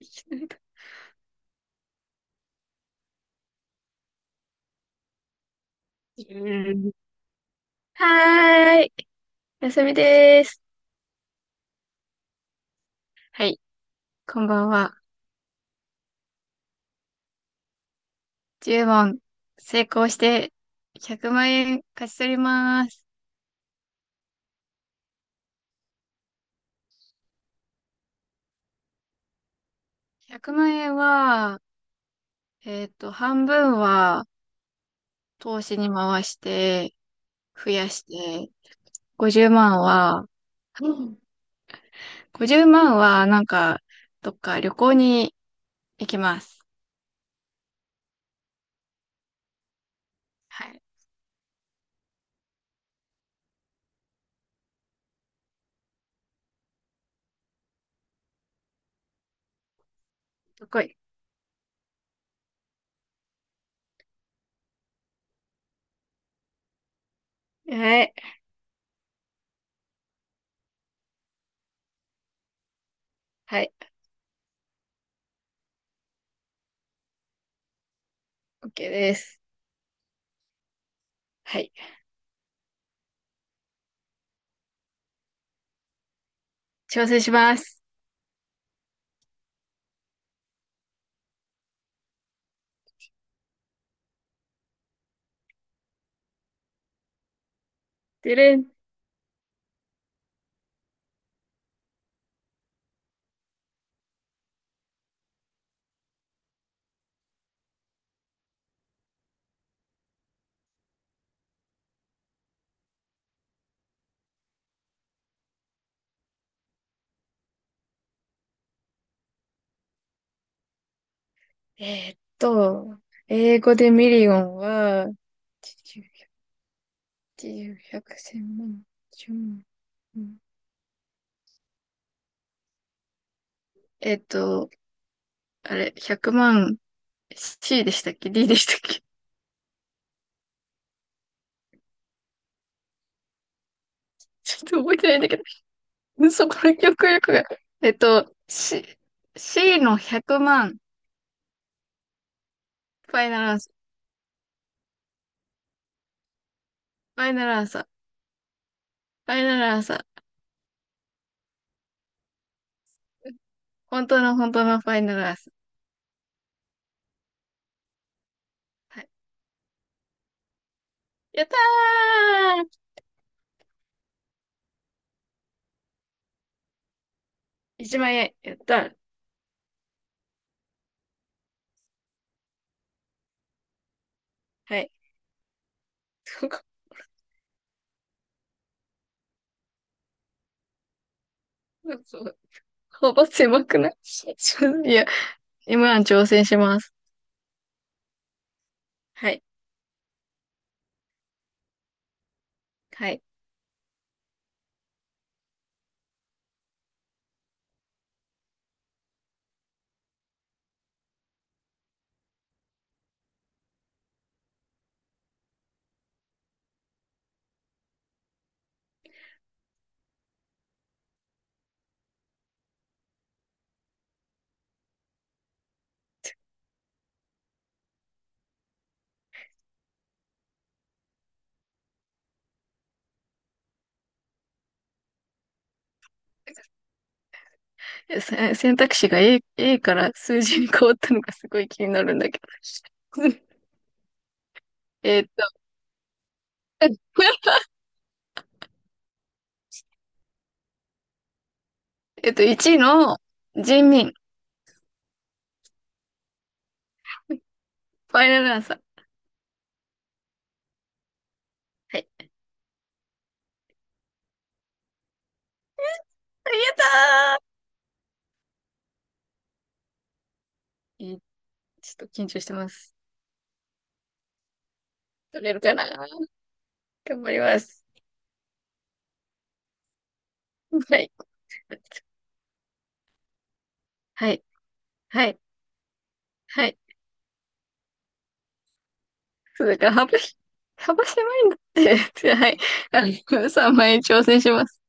うん。はーい。休みです。はい。こんばんは。10問成功して100万円勝ち取ります。100万円は、半分は投資に回して増やして、50万は、うん50万はなんか、どっか旅行に行きます。はい。どこい。はい。はい。OK です。はい。挑戦します。てれん。えーっと、英語でミリオンは、80、100、万、1万。うんえーっと、あれ、100万 C でしたっけ？ D でしたっけ？ ちょっと覚えてないんだけど、うんそこの記憶力が。えーっと、C、C の100万、ファイナルアンサー、ファイナルアンサー、ファイナルアンサー。本当の本当のファイナルアンサー。はい。やったー！ 1 万円、やったー。はい。そう、幅狭くない？ いや、m ン挑戦します。はい。はい。選択肢が A から数字に変わったのがすごい気になるんだけど。えーっと、1位の人民。ファイナルアンサー。はい。ありがとう。いい。ちょっと緊張してます。取れるかな。頑張ります。はい。はい。はい。はい。そうだから、幅狭いんだって。はい。あの、3万円挑戦します。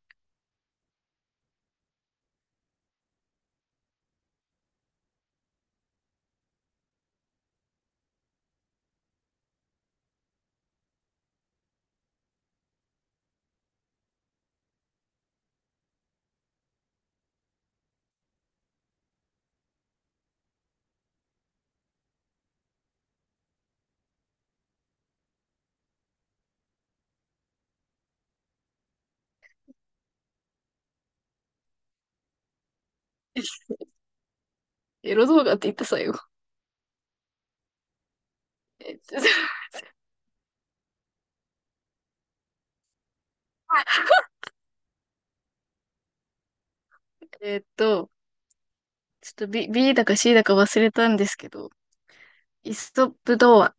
エロ動画って言った最後。えっとちょっと B だか C だか忘れたんですけど、イストップ童話。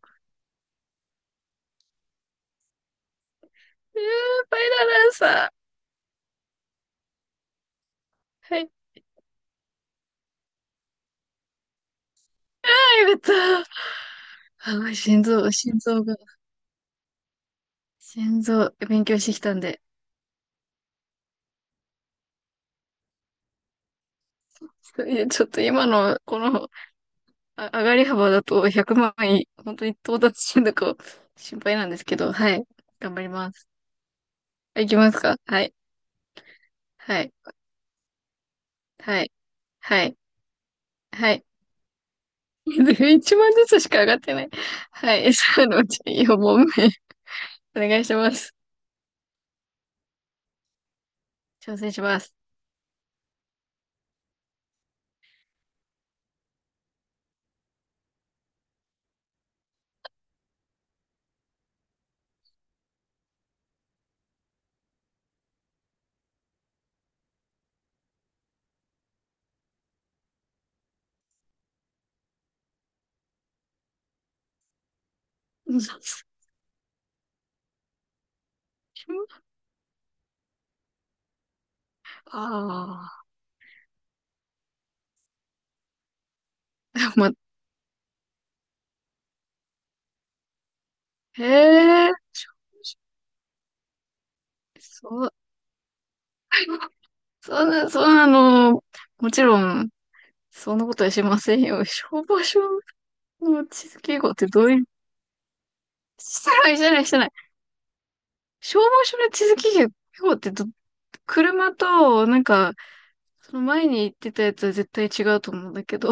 えー、バイラランサー。はい。はい、また。あ、心臓、心臓が、心臓、勉強してきたんで。ちょっと今の、この、上がり幅だと100万円、本当に到達してるのか心配なんですけど、はい。頑張ります。いきますか？はい。はい。はい。はい。はい。1万ずつしか上がってない。はい。そのうち4問目。お願いします。挑戦します。ああ、ま、へえ。そう、そんな、そんなの、もちろん、そんなことはしませんよ。消防署の地図記号ってどういう、してない、してない、してない。消防署の地図記号ってど、車と、なんか、その前に言ってたやつは絶対違うと思うんだけど。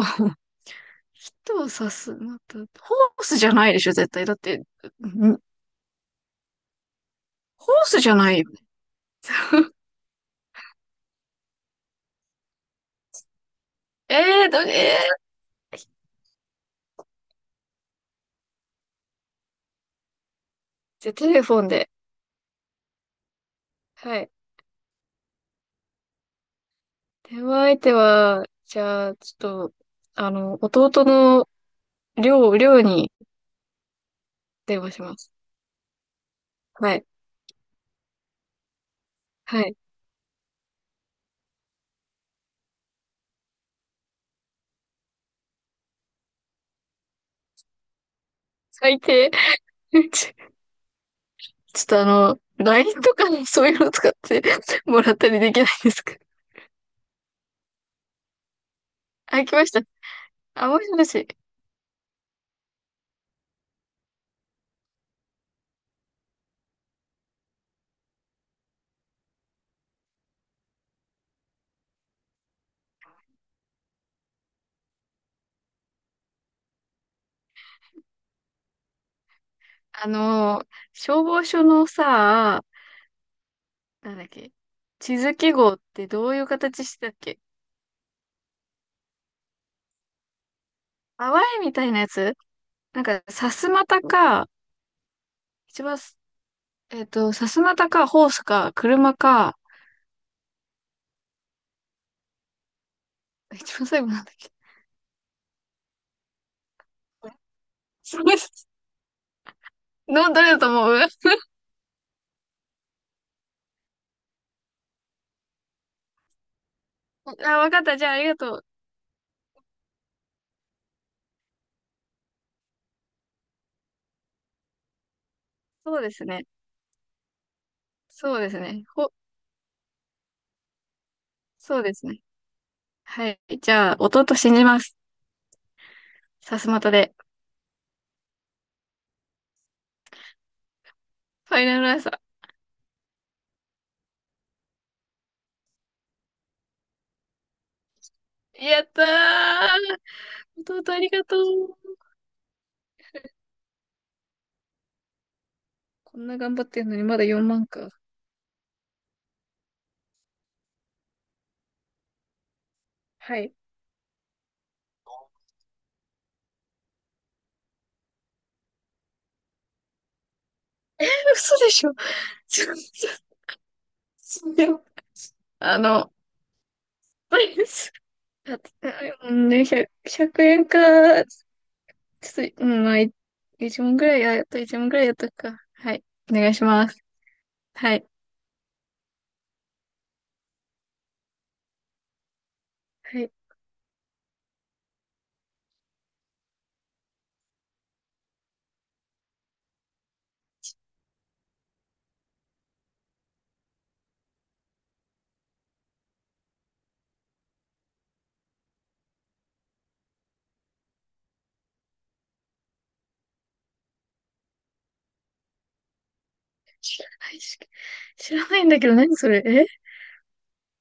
人を刺す。また、ホースじゃないでしょ、絶対。だって、ホースじゃないよ。ええー、じゃあ、テレフォンで。はい。電話相手は、じゃあ、ちょっと、あの、弟の、りょうに電話します。はい。はい。最低。ちょ、ちょっとあの、LINE とかのそういうの使ってもらったりできないですか？ あ、来ました。あ、もしもし。あの、消防署のさ、なんだっけ。地図記号ってどういう形してたっけ？淡いみたいなやつ。なんか、さすまたか、一番す、さすまたか、ホースか、車か、一番最後なんだっけ？すごい、の、どれだと思う？ あ、わかった。じゃあ、ありがとう。そうですね。そうですね。そうですね。はい。じゃあ、弟信じます。さすまたで。ファイナルアンサー。やったー。弟ありがとう。こんな頑張ってんのにまだ4万か。はい。嘘でしょ。とすあの、うんね、100、100円か、ちょっと、まあ、1問ぐらい、あ、やっと1問ぐらいやっとくか。はい。お願いします。はい。はい。知らないし、知らないんだけど、何それえ？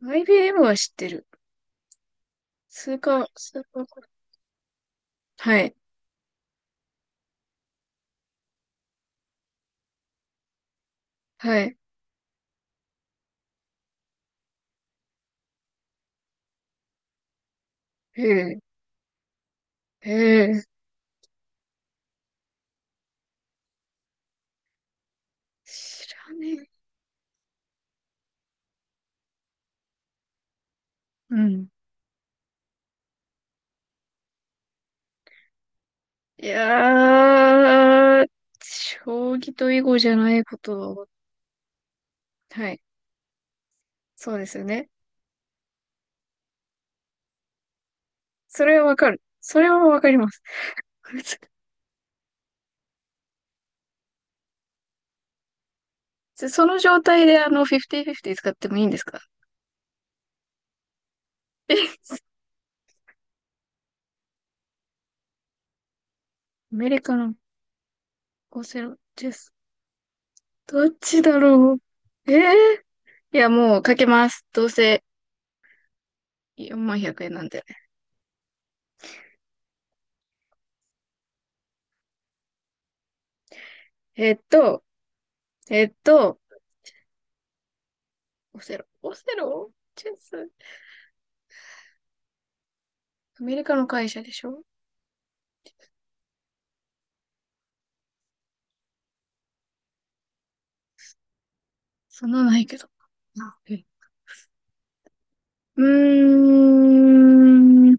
IBM は知ってる。数か、数か。はい。はい。ええ、ええ。知らねえ。うん。いやー、将棋と囲碁じゃないことは、はい。そうですよね。それはわかる。それはわかります。その状態であの、50-50使ってもいいんですか？え、アメリカのオセロです。どっちだろう。えー、いや、もうかけます。どうせ4万100円なんで。えーっと、えーっと、オセロ。オセロチェス。アメリカの会社でしょ？そんなないけど。あえ、うーん。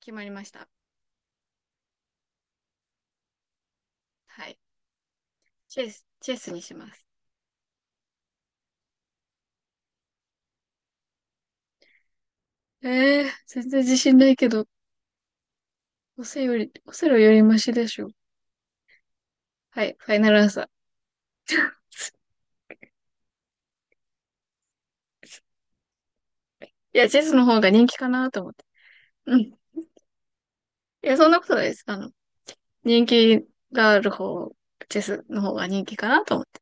決まりました。はい。チェスにします。全然自信ないけど。オセロよりマシでしょ。はい、ファイナルアンサー。いや、チェスの方が人気かなと思って。うん。いや、そんなことないです。あの、人気がある方、チェスの方が人気かなと思って。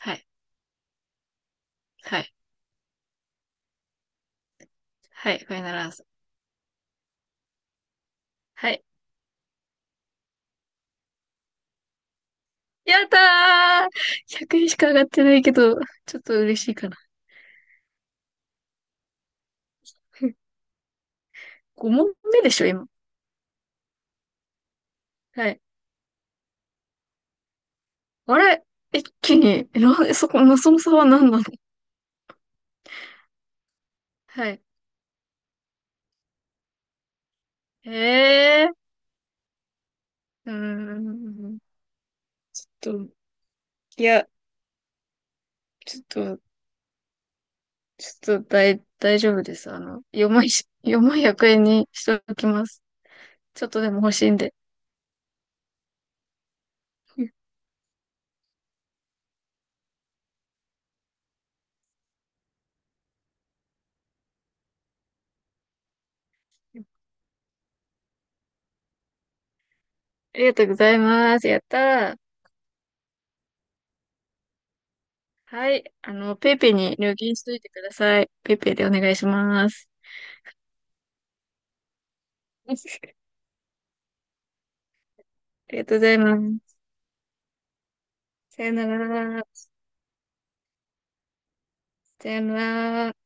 はい、はい、はい、ファイナルアンサー。はい。やったー！ 100 円しか上がってないけど、ちょっと嬉しいかな。5問目でしょ、今。はい。あれ、一気に、え、なんで、そこの、その差は何なの？はい。ええー、うーん。ちょっと、いや、ちょっと、ちょっと大丈夫です。あの、4万、4万100円にしておきます。ちょっとでも欲しいんで。ありがとうございます。やったー。はい。あの、ペイペイに入金しといてください。ペイペイでお願いします。ありがとうございます。さよなら。さよなら。